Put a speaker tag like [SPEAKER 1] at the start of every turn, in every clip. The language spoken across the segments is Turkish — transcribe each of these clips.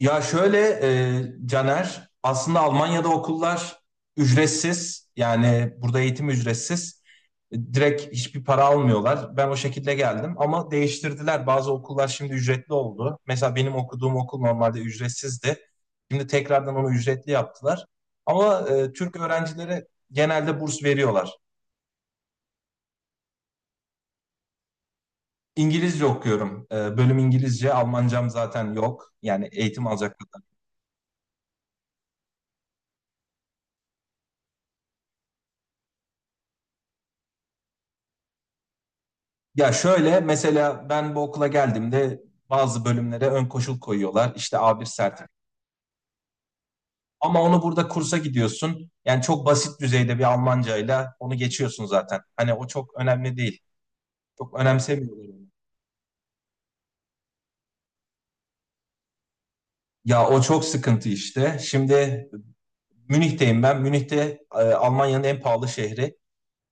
[SPEAKER 1] Ya şöyle Caner, aslında Almanya'da okullar ücretsiz. Yani burada eğitim ücretsiz. Direkt hiçbir para almıyorlar. Ben o şekilde geldim ama değiştirdiler. Bazı okullar şimdi ücretli oldu. Mesela benim okuduğum okul normalde ücretsizdi. Şimdi tekrardan onu ücretli yaptılar. Ama Türk öğrencilere genelde burs veriyorlar. İngilizce okuyorum. Bölüm İngilizce. Almancam zaten yok. Yani eğitim alacak. Ya şöyle mesela ben bu okula geldiğimde bazı bölümlere ön koşul koyuyorlar. İşte A1 sertifika. Ama onu burada kursa gidiyorsun. Yani çok basit düzeyde bir Almancayla onu geçiyorsun zaten. Hani o çok önemli değil. Çok önemsemiyorlar onu. Ya o çok sıkıntı işte. Şimdi Münih'teyim ben. Münih'te Almanya'nın en pahalı şehri.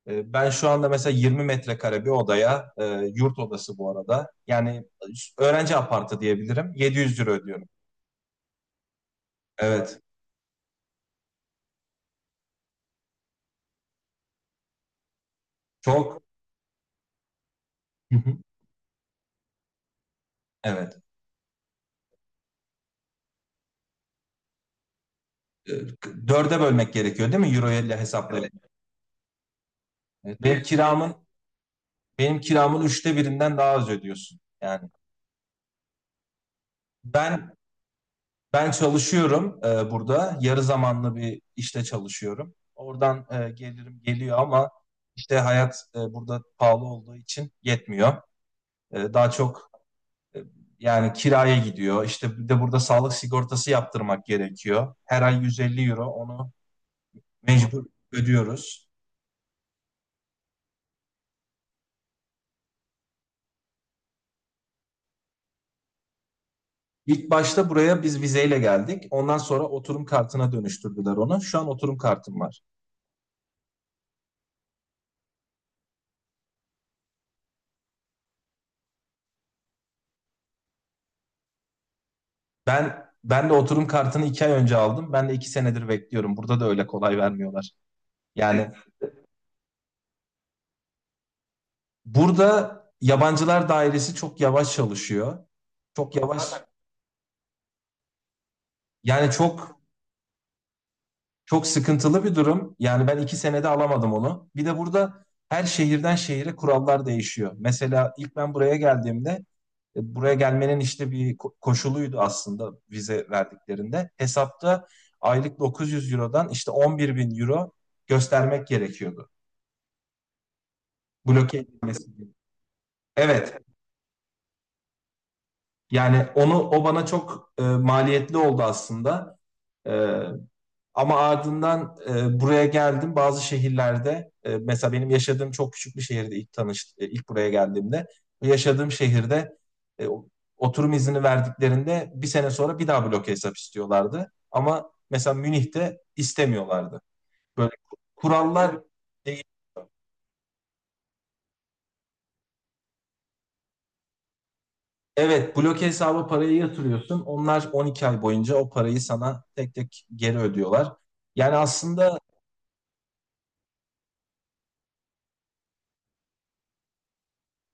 [SPEAKER 1] Ben şu anda mesela 20 metrekare bir odaya, yurt odası bu arada. Yani öğrenci apartı diyebilirim. 700 euro ödüyorum. Evet. Çok. Hı hı. Evet. e, Dörde bölmek gerekiyor değil mi? Euro ile hesaplayıp. Evet. Benim kiramın üçte birinden daha az ödüyorsun. Yani ben ben çalışıyorum burada. Yarı zamanlı bir işte çalışıyorum. Oradan gelirim geliyor ama işte hayat burada pahalı olduğu için yetmiyor. Daha çok e, yani kiraya gidiyor. İşte bir de burada sağlık sigortası yaptırmak gerekiyor. Her ay 150 euro onu mecbur ödüyoruz. İlk başta buraya biz vizeyle geldik. Ondan sonra oturum kartına dönüştürdüler onu. Şu an oturum kartım var. Ben de oturum kartını 2 ay önce aldım. Ben de 2 senedir bekliyorum. Burada da öyle kolay vermiyorlar. Yani burada yabancılar dairesi çok yavaş çalışıyor. Çok yavaş. Yani çok. Çok sıkıntılı bir durum. Yani ben 2 senede alamadım onu. Bir de burada her şehirden şehire kurallar değişiyor. Mesela ilk ben buraya geldiğimde buraya gelmenin işte bir koşuluydu aslında vize verdiklerinde. Hesapta aylık 900 Euro'dan işte 11 bin Euro göstermek gerekiyordu. Bloke edilmesi gibi. Evet. Yani onu o bana çok maliyetli oldu aslında. E, Ama ardından buraya geldim. Bazı şehirlerde mesela benim yaşadığım çok küçük bir şehirde ilk buraya geldiğimde yaşadığım şehirde e, oturum izni verdiklerinde bir sene sonra bir daha bloke hesap istiyorlardı. Ama mesela Münih'te istemiyorlardı. Böyle kurallar değil. Evet, bloke hesaba parayı yatırıyorsun. Onlar 12 ay boyunca o parayı sana tek tek geri ödüyorlar. Yani aslında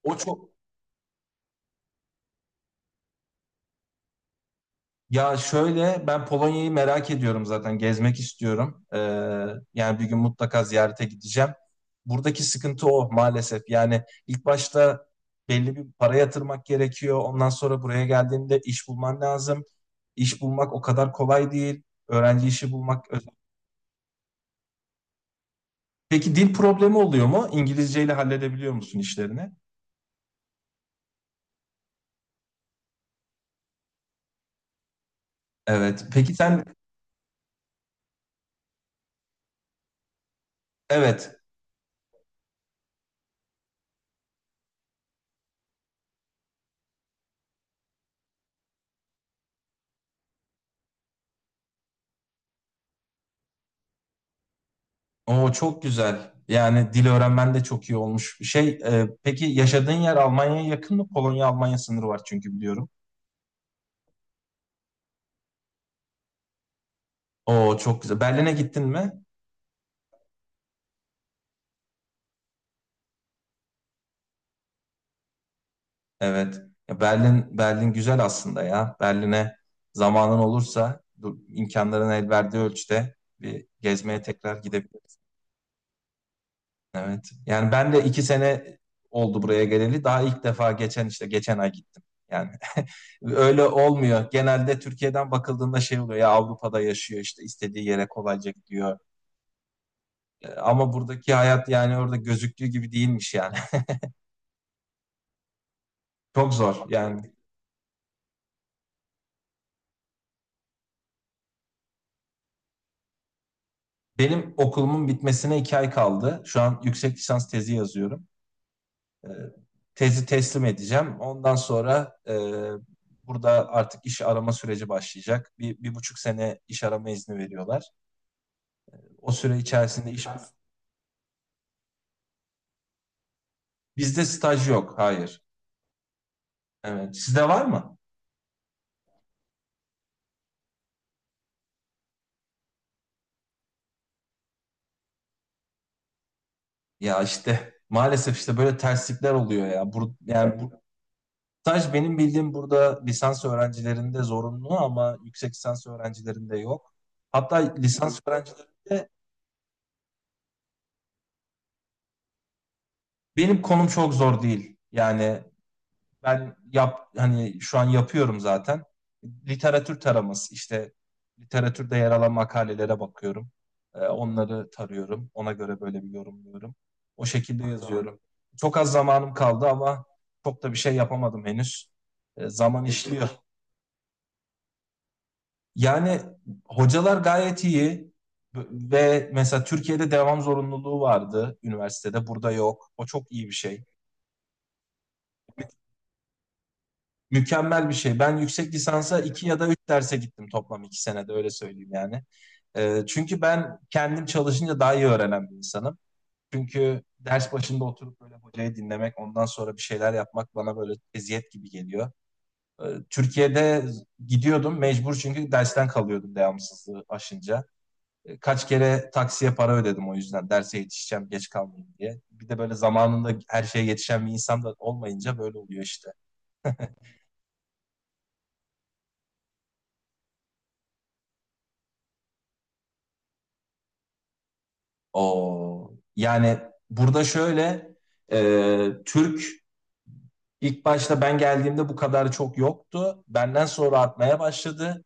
[SPEAKER 1] o çok. Ya şöyle ben Polonya'yı merak ediyorum zaten gezmek istiyorum. Yani bir gün mutlaka ziyarete gideceğim. Buradaki sıkıntı o maalesef. Yani ilk başta belli bir para yatırmak gerekiyor. Ondan sonra buraya geldiğinde iş bulman lazım. İş bulmak o kadar kolay değil. Öğrenci işi bulmak. Peki dil problemi oluyor mu? İngilizceyle halledebiliyor musun işlerini? Evet. Peki sen. Evet. O çok güzel. Yani dil öğrenmen de çok iyi olmuş. Şey, peki yaşadığın yer Almanya'ya yakın mı? Polonya-Almanya sınırı var çünkü biliyorum. O çok güzel. Berlin'e gittin mi? Evet. Ya Berlin güzel aslında ya. Berlin'e zamanın olursa, imkanların el verdiği ölçüde bir gezmeye tekrar gidebilirsin. Evet. Yani ben de 2 sene oldu buraya geleli. Daha ilk defa geçen işte geçen ay gittim. Yani öyle olmuyor. Genelde Türkiye'den bakıldığında şey oluyor ya Avrupa'da yaşıyor işte istediği yere kolayca gidiyor. Ama buradaki hayat yani orada gözüktüğü gibi değilmiş yani. Çok zor yani. Benim okulumun bitmesine 2 ay kaldı. Şu an yüksek lisans tezi yazıyorum. E, Tezi teslim edeceğim. Ondan sonra burada artık iş arama süreci başlayacak. Bir, 1,5 sene iş arama izni veriyorlar. O süre içerisinde iş. Bizde staj yok. Hayır. Evet. Sizde var mı? Ya işte maalesef işte böyle terslikler oluyor ya. Yani bu staj benim bildiğim burada lisans öğrencilerinde zorunlu ama yüksek lisans öğrencilerinde yok. Hatta lisans öğrencilerinde benim konum çok zor değil. Yani ben hani şu an yapıyorum zaten. Literatür taraması işte literatürde yer alan makalelere bakıyorum. Onları tarıyorum. Ona göre böyle bir yorumluyorum. O şekilde yazıyorum. Çok az zamanım kaldı ama çok da bir şey yapamadım henüz. Zaman işliyor. Yani hocalar gayet iyi ve mesela Türkiye'de devam zorunluluğu vardı üniversitede. Burada yok. O çok iyi bir şey. Mükemmel bir şey. Ben yüksek lisansa iki ya da üç derse gittim toplam 2 senede öyle söyleyeyim yani. Çünkü ben kendim çalışınca daha iyi öğrenen bir insanım. Çünkü ders başında oturup böyle hocayı dinlemek, ondan sonra bir şeyler yapmak bana böyle eziyet gibi geliyor. Ee, Türkiye'de gidiyordum mecbur çünkü dersten kalıyordum devamsızlığı aşınca. Kaç kere taksiye para ödedim o yüzden derse yetişeceğim, geç kalmayayım diye. Bir de böyle zamanında her şeye yetişen bir insan da olmayınca böyle oluyor işte. O yani burada şöyle Türk ilk başta ben geldiğimde bu kadar çok yoktu. Benden sonra artmaya başladı.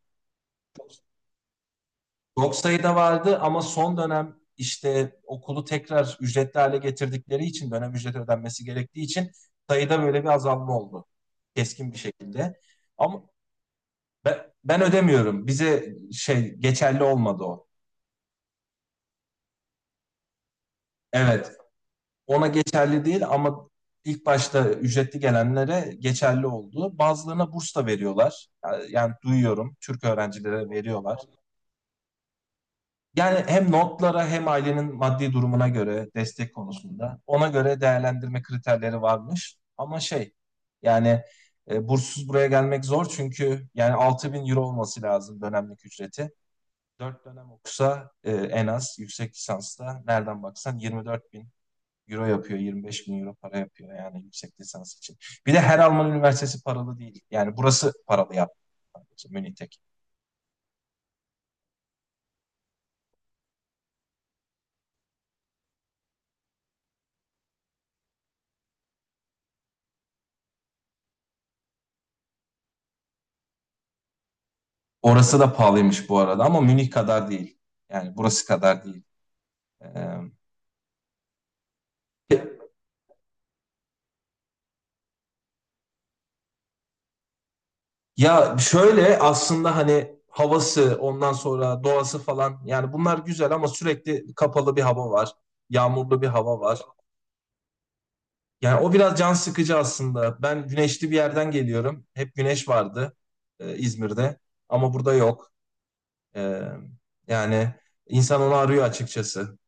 [SPEAKER 1] Çok sayıda vardı ama son dönem işte okulu tekrar ücretli hale getirdikleri için dönem ücreti ödenmesi gerektiği için sayıda böyle bir azalma oldu. Keskin bir şekilde. Ama ben ödemiyorum. Bize şey geçerli olmadı o. Evet. Ona geçerli değil ama ilk başta ücretli gelenlere geçerli oldu. Bazılarına burs da veriyorlar. Yani duyuyorum Türk öğrencilere veriyorlar. Yani hem notlara hem ailenin maddi durumuna göre destek konusunda ona göre değerlendirme kriterleri varmış. Ama şey yani burssuz buraya gelmek zor çünkü yani 6.000 euro olması lazım dönemlik ücreti. 4 dönem okusa en az yüksek lisansta nereden baksan 24 bin Euro yapıyor. 25 bin euro para yapıyor yani yüksek lisans için. Bir de her Alman üniversitesi paralı değil. Yani burası paralı yaptı. Sadece Münih tek. Orası da pahalıymış bu arada ama Münih kadar değil. Yani burası kadar değil. Ee, Ya şöyle aslında hani havası ondan sonra doğası falan yani bunlar güzel ama sürekli kapalı bir hava var. Yağmurlu bir hava var. Yani o biraz can sıkıcı aslında. Ben güneşli bir yerden geliyorum. Hep güneş vardı İzmir'de ama burada yok. Ee, Yani insan onu arıyor açıkçası.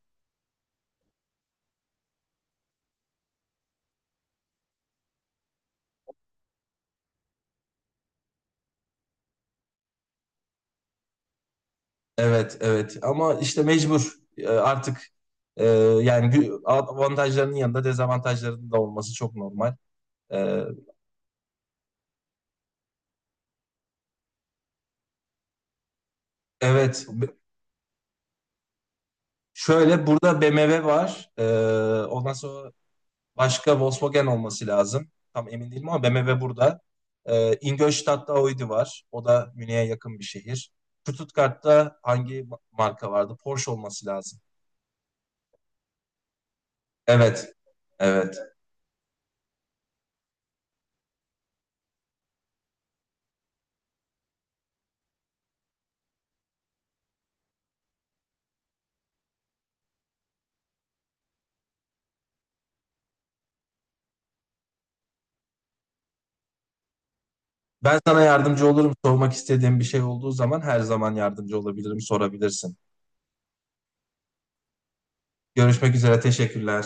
[SPEAKER 1] Evet, evet. Ama işte mecbur. Artık e, yani avantajlarının yanında dezavantajlarının da olması çok normal. Ee, evet. Şöyle burada BMW var. Ondan sonra başka Volkswagen olması lazım. Tam emin değilim ama BMW burada. Ingolstadt'ta Audi var. O da Münih'e yakın bir şehir. Stuttgart'ta hangi marka vardı? Porsche olması lazım. Evet, evet. Ben sana yardımcı olurum. Sormak istediğim bir şey olduğu zaman her zaman yardımcı olabilirim, sorabilirsin. Görüşmek üzere, teşekkürler.